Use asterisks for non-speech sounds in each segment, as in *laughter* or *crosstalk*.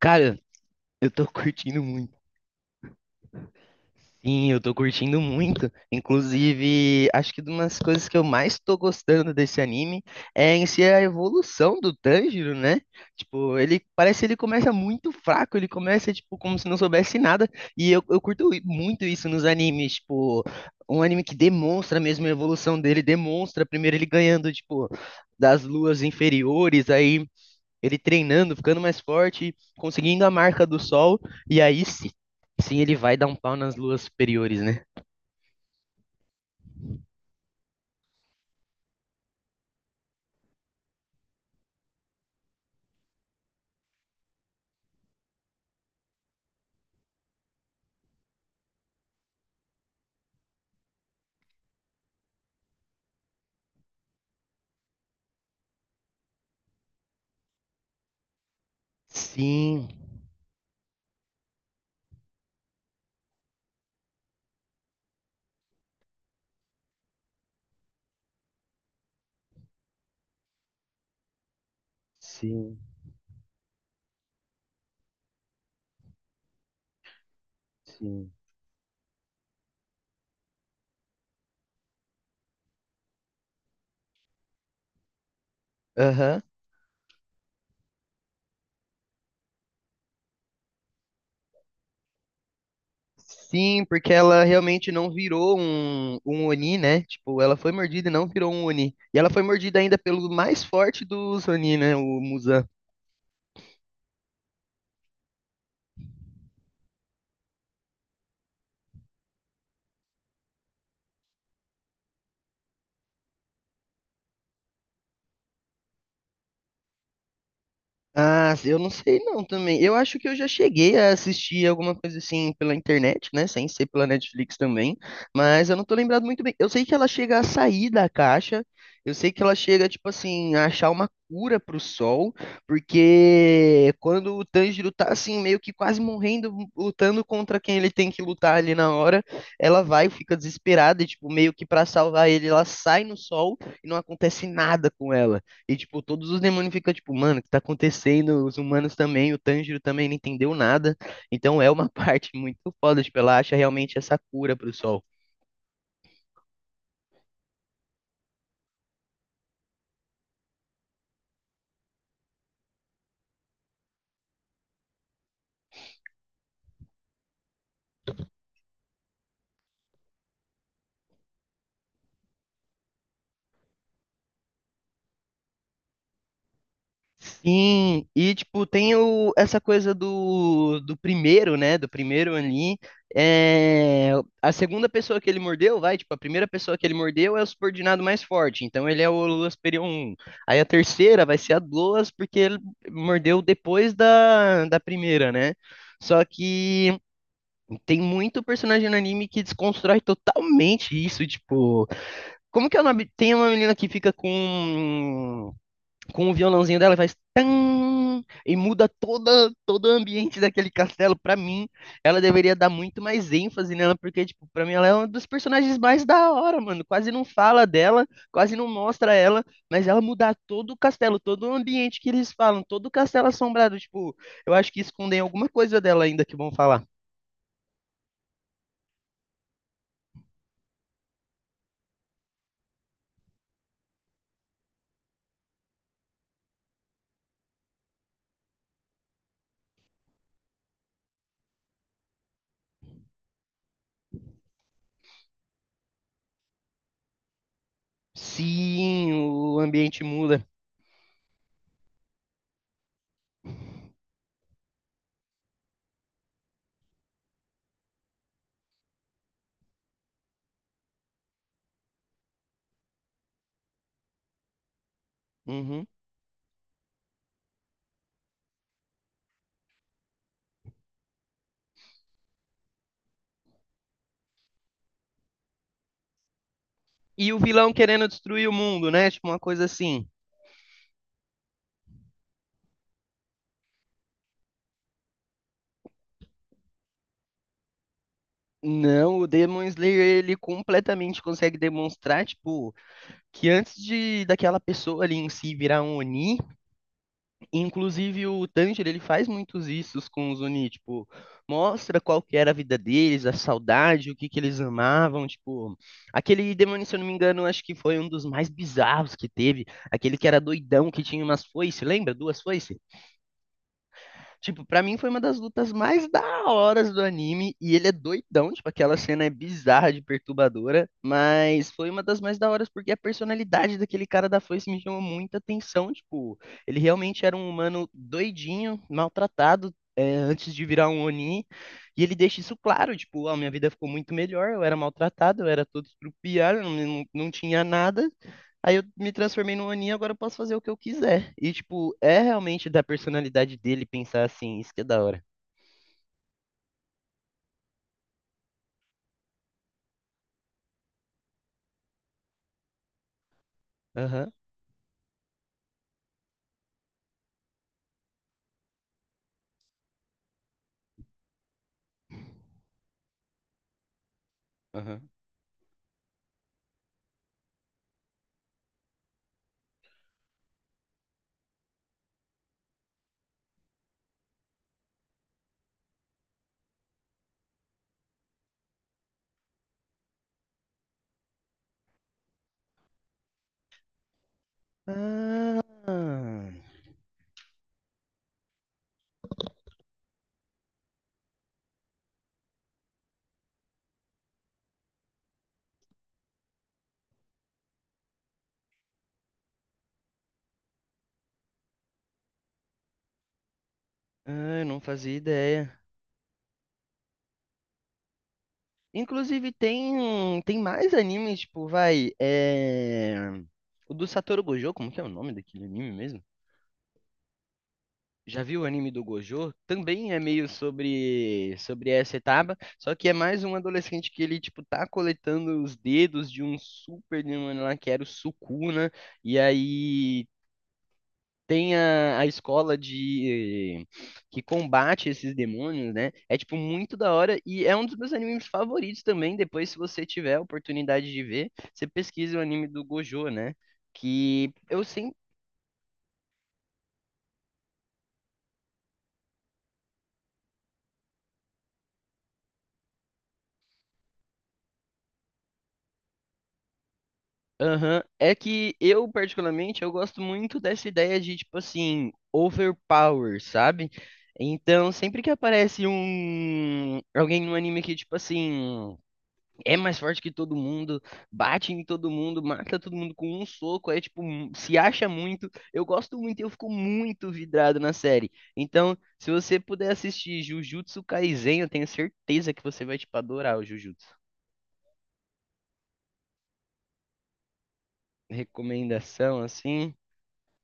Cara, eu tô *laughs* curtindo muito. Sim, eu tô curtindo muito. Inclusive, acho que uma das coisas que eu mais tô gostando desse anime é em si a evolução do Tanjiro, né? Tipo, ele parece que ele começa muito fraco, ele começa, tipo, como se não soubesse nada. E eu curto muito isso nos animes, tipo, um anime que demonstra mesmo a evolução dele, demonstra primeiro ele ganhando, tipo, das luas inferiores, aí ele treinando, ficando mais forte, conseguindo a marca do sol, e aí sim, sim ele vai dar um pau nas luas superiores, né? Sim, sim, sim. Aham. Sim, porque ela realmente não virou um Oni, né? Tipo, ela foi mordida e não virou um Oni. E ela foi mordida ainda pelo mais forte dos Oni, né? O Muzan. Ah, eu não sei não também. Eu acho que eu já cheguei a assistir alguma coisa assim pela internet, né? Sem ser pela Netflix também. Mas eu não tô lembrado muito bem. Eu sei que ela chega a sair da caixa. Eu sei que ela chega, tipo assim, a achar uma cura pro sol. Porque quando o Tanjiro tá assim, meio que quase morrendo, lutando contra quem ele tem que lutar ali na hora, ela vai, fica desesperada e, tipo, meio que pra salvar ele, ela sai no sol e não acontece nada com ela. E, tipo, todos os demônios ficam, tipo, mano, o que tá acontecendo? Os humanos também, o Tanjiro também não entendeu nada. Então é uma *laughs* parte muito foda, tipo, ela acha realmente essa cura pro sol. Sim, e, tipo, tem o, essa coisa do primeiro, né? Do primeiro ali. É, a segunda pessoa que ele mordeu, vai, tipo, a primeira pessoa que ele mordeu é o subordinado mais forte. Então ele é o Loas Perion 1. Aí a terceira vai ser a Loas, porque ele mordeu depois da primeira, né? Só que tem muito personagem no anime que desconstrói totalmente isso, tipo, como que é o nome? Tem uma menina que fica com o violãozinho dela e faz tan e muda toda todo o ambiente daquele castelo pra mim. Ela deveria dar muito mais ênfase nela, porque tipo, pra mim ela é uma dos personagens mais da hora, mano. Quase não fala dela, quase não mostra ela, mas ela mudar todo o castelo, todo o ambiente que eles falam, todo o castelo assombrado, tipo, eu acho que escondem alguma coisa dela ainda que vão falar. Sim, o ambiente muda. Uhum. E o vilão querendo destruir o mundo, né? Tipo, uma coisa assim. Não, o Demon Slayer, ele completamente consegue demonstrar, tipo, que antes de daquela pessoa ali em si virar um Oni, inclusive o Tanjiro, ele faz muitos issos com os Oni, tipo, mostra qual que era a vida deles, a saudade, o que que eles amavam, tipo, aquele demônio, se eu não me engano, acho que foi um dos mais bizarros que teve, aquele que era doidão, que tinha umas foices, lembra? Duas foices? Tipo, pra mim foi uma das lutas mais da horas do anime. E ele é doidão, tipo, aquela cena é bizarra de perturbadora. Mas foi uma das mais da horas porque a personalidade daquele cara da foice me chamou muita atenção. Tipo, ele realmente era um humano doidinho, maltratado. É, antes de virar um Oni, e ele deixa isso claro, tipo, a minha vida ficou muito melhor, eu era maltratado, eu era todo estrupiado, não, não, não tinha nada. Aí eu me transformei num aninho, agora eu posso fazer o que eu quiser. E, tipo, é realmente da personalidade dele pensar assim, isso que é da hora. Aham, aham. Ah, ah, eu não fazia ideia. Inclusive, tem, tem mais animes, tipo, vai, é... O do Satoru Gojo, como que é o nome daquele anime mesmo? Já viu o anime do Gojo? Também é meio sobre essa etapa, só que é mais um adolescente que ele tipo tá coletando os dedos de um super demônio lá que era o Sukuna, e aí tem a escola de que combate esses demônios, né? É tipo muito da hora e é um dos meus animes favoritos também. Depois, se você tiver a oportunidade de ver, você pesquisa o anime do Gojo, né? Que eu sempre... Aham. É que eu, particularmente, eu gosto muito dessa ideia de, tipo assim, overpower, sabe? Então, sempre que aparece um alguém no anime que, tipo assim, é mais forte que todo mundo, bate em todo mundo, mata todo mundo com um soco, aí, tipo, se acha muito, eu gosto muito, e eu fico muito vidrado na série. Então, se você puder assistir Jujutsu Kaisen, eu tenho certeza que você vai, tipo, adorar o Jujutsu. Recomendação, assim.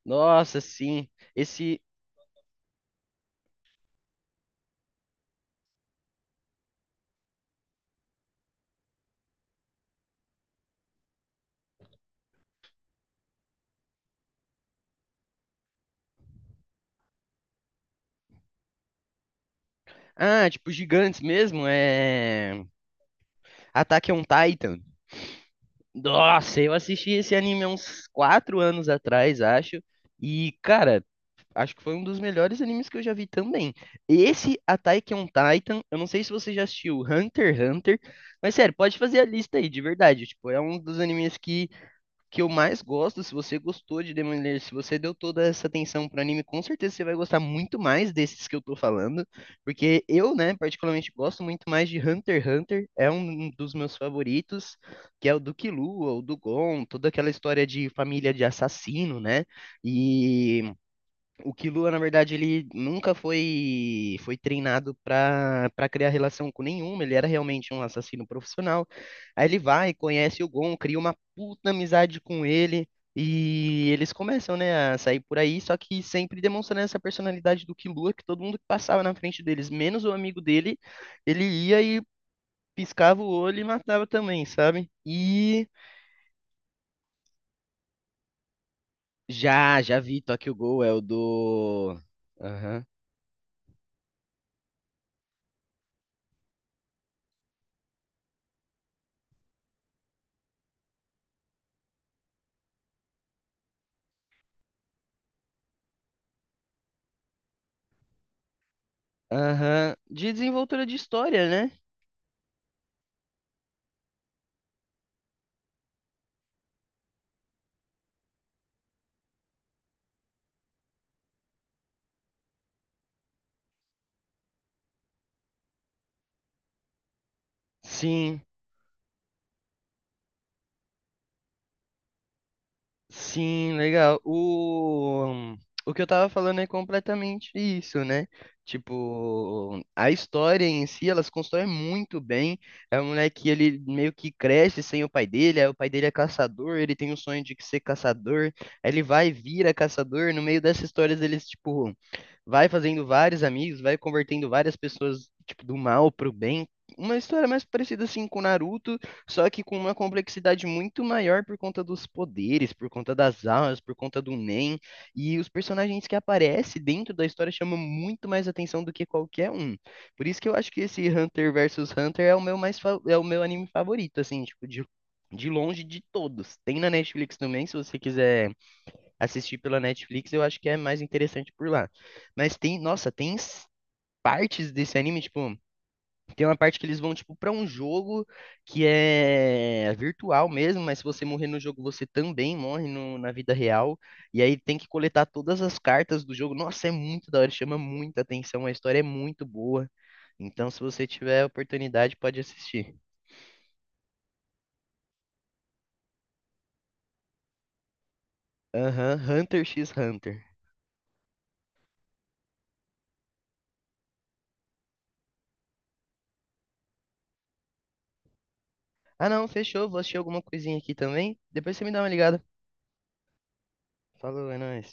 Nossa, sim. Esse. Ah, tipo, gigantes mesmo. É. Attack on Titan. Nossa, eu assisti esse anime há uns 4 anos atrás, acho. E, cara, acho que foi um dos melhores animes que eu já vi também. Esse Attack on Titan, eu não sei se você já assistiu Hunter x Hunter, mas sério, pode fazer a lista aí, de verdade. Tipo, é um dos animes que eu mais gosto, se você gostou de Demon Slayer, se você deu toda essa atenção pro anime, com certeza você vai gostar muito mais desses que eu tô falando, porque eu, né, particularmente gosto muito mais de Hunter x Hunter, é um dos meus favoritos, que é o do Killua, o do Gon, toda aquela história de família de assassino, né, e o Killua, na verdade, ele nunca foi treinado para criar relação com nenhuma, ele era realmente um assassino profissional. Aí ele vai, conhece o Gon, cria uma puta amizade com ele e eles começam, né, a sair por aí, só que sempre demonstrando essa personalidade do Killua, que todo mundo que passava na frente deles, menos o amigo dele, ele ia e piscava o olho e matava também, sabe? E já vi Tokyo Ghoul, é o do... Aham. Aham, de desenvoltura de história, né? Sim, sim, legal. O que eu tava falando é completamente isso, né? Tipo, a história em si, elas constroem muito bem. É um moleque, ele meio que cresce sem o pai dele, aí o pai dele é caçador, ele tem o sonho de ser caçador, aí ele vai e vira caçador. No meio dessas histórias, eles, tipo, vai fazendo vários amigos, vai convertendo várias pessoas, tipo, do mal pro bem. Uma história mais parecida, assim, com Naruto. Só que com uma complexidade muito maior por conta dos poderes, por conta das almas, por conta do Nen. E os personagens que aparecem dentro da história chamam muito mais atenção do que qualquer um. Por isso que eu acho que esse Hunter versus Hunter é o meu mais é o meu anime favorito, assim, tipo, de, longe de todos. Tem na Netflix também, se você quiser assistir pela Netflix, eu acho que é mais interessante por lá. Mas tem, nossa, tem partes desse anime, tipo. Tem uma parte que eles vão, tipo, pra um jogo que é virtual mesmo, mas se você morrer no jogo, você também morre na vida real. E aí tem que coletar todas as cartas do jogo. Nossa, é muito da hora, chama muita atenção, a história é muito boa. Então, se você tiver a oportunidade, pode assistir. Aham, Hunter x Hunter. Ah, não, fechou. Vou assistir alguma coisinha aqui também. Depois você me dá uma ligada. Falou, é nóis.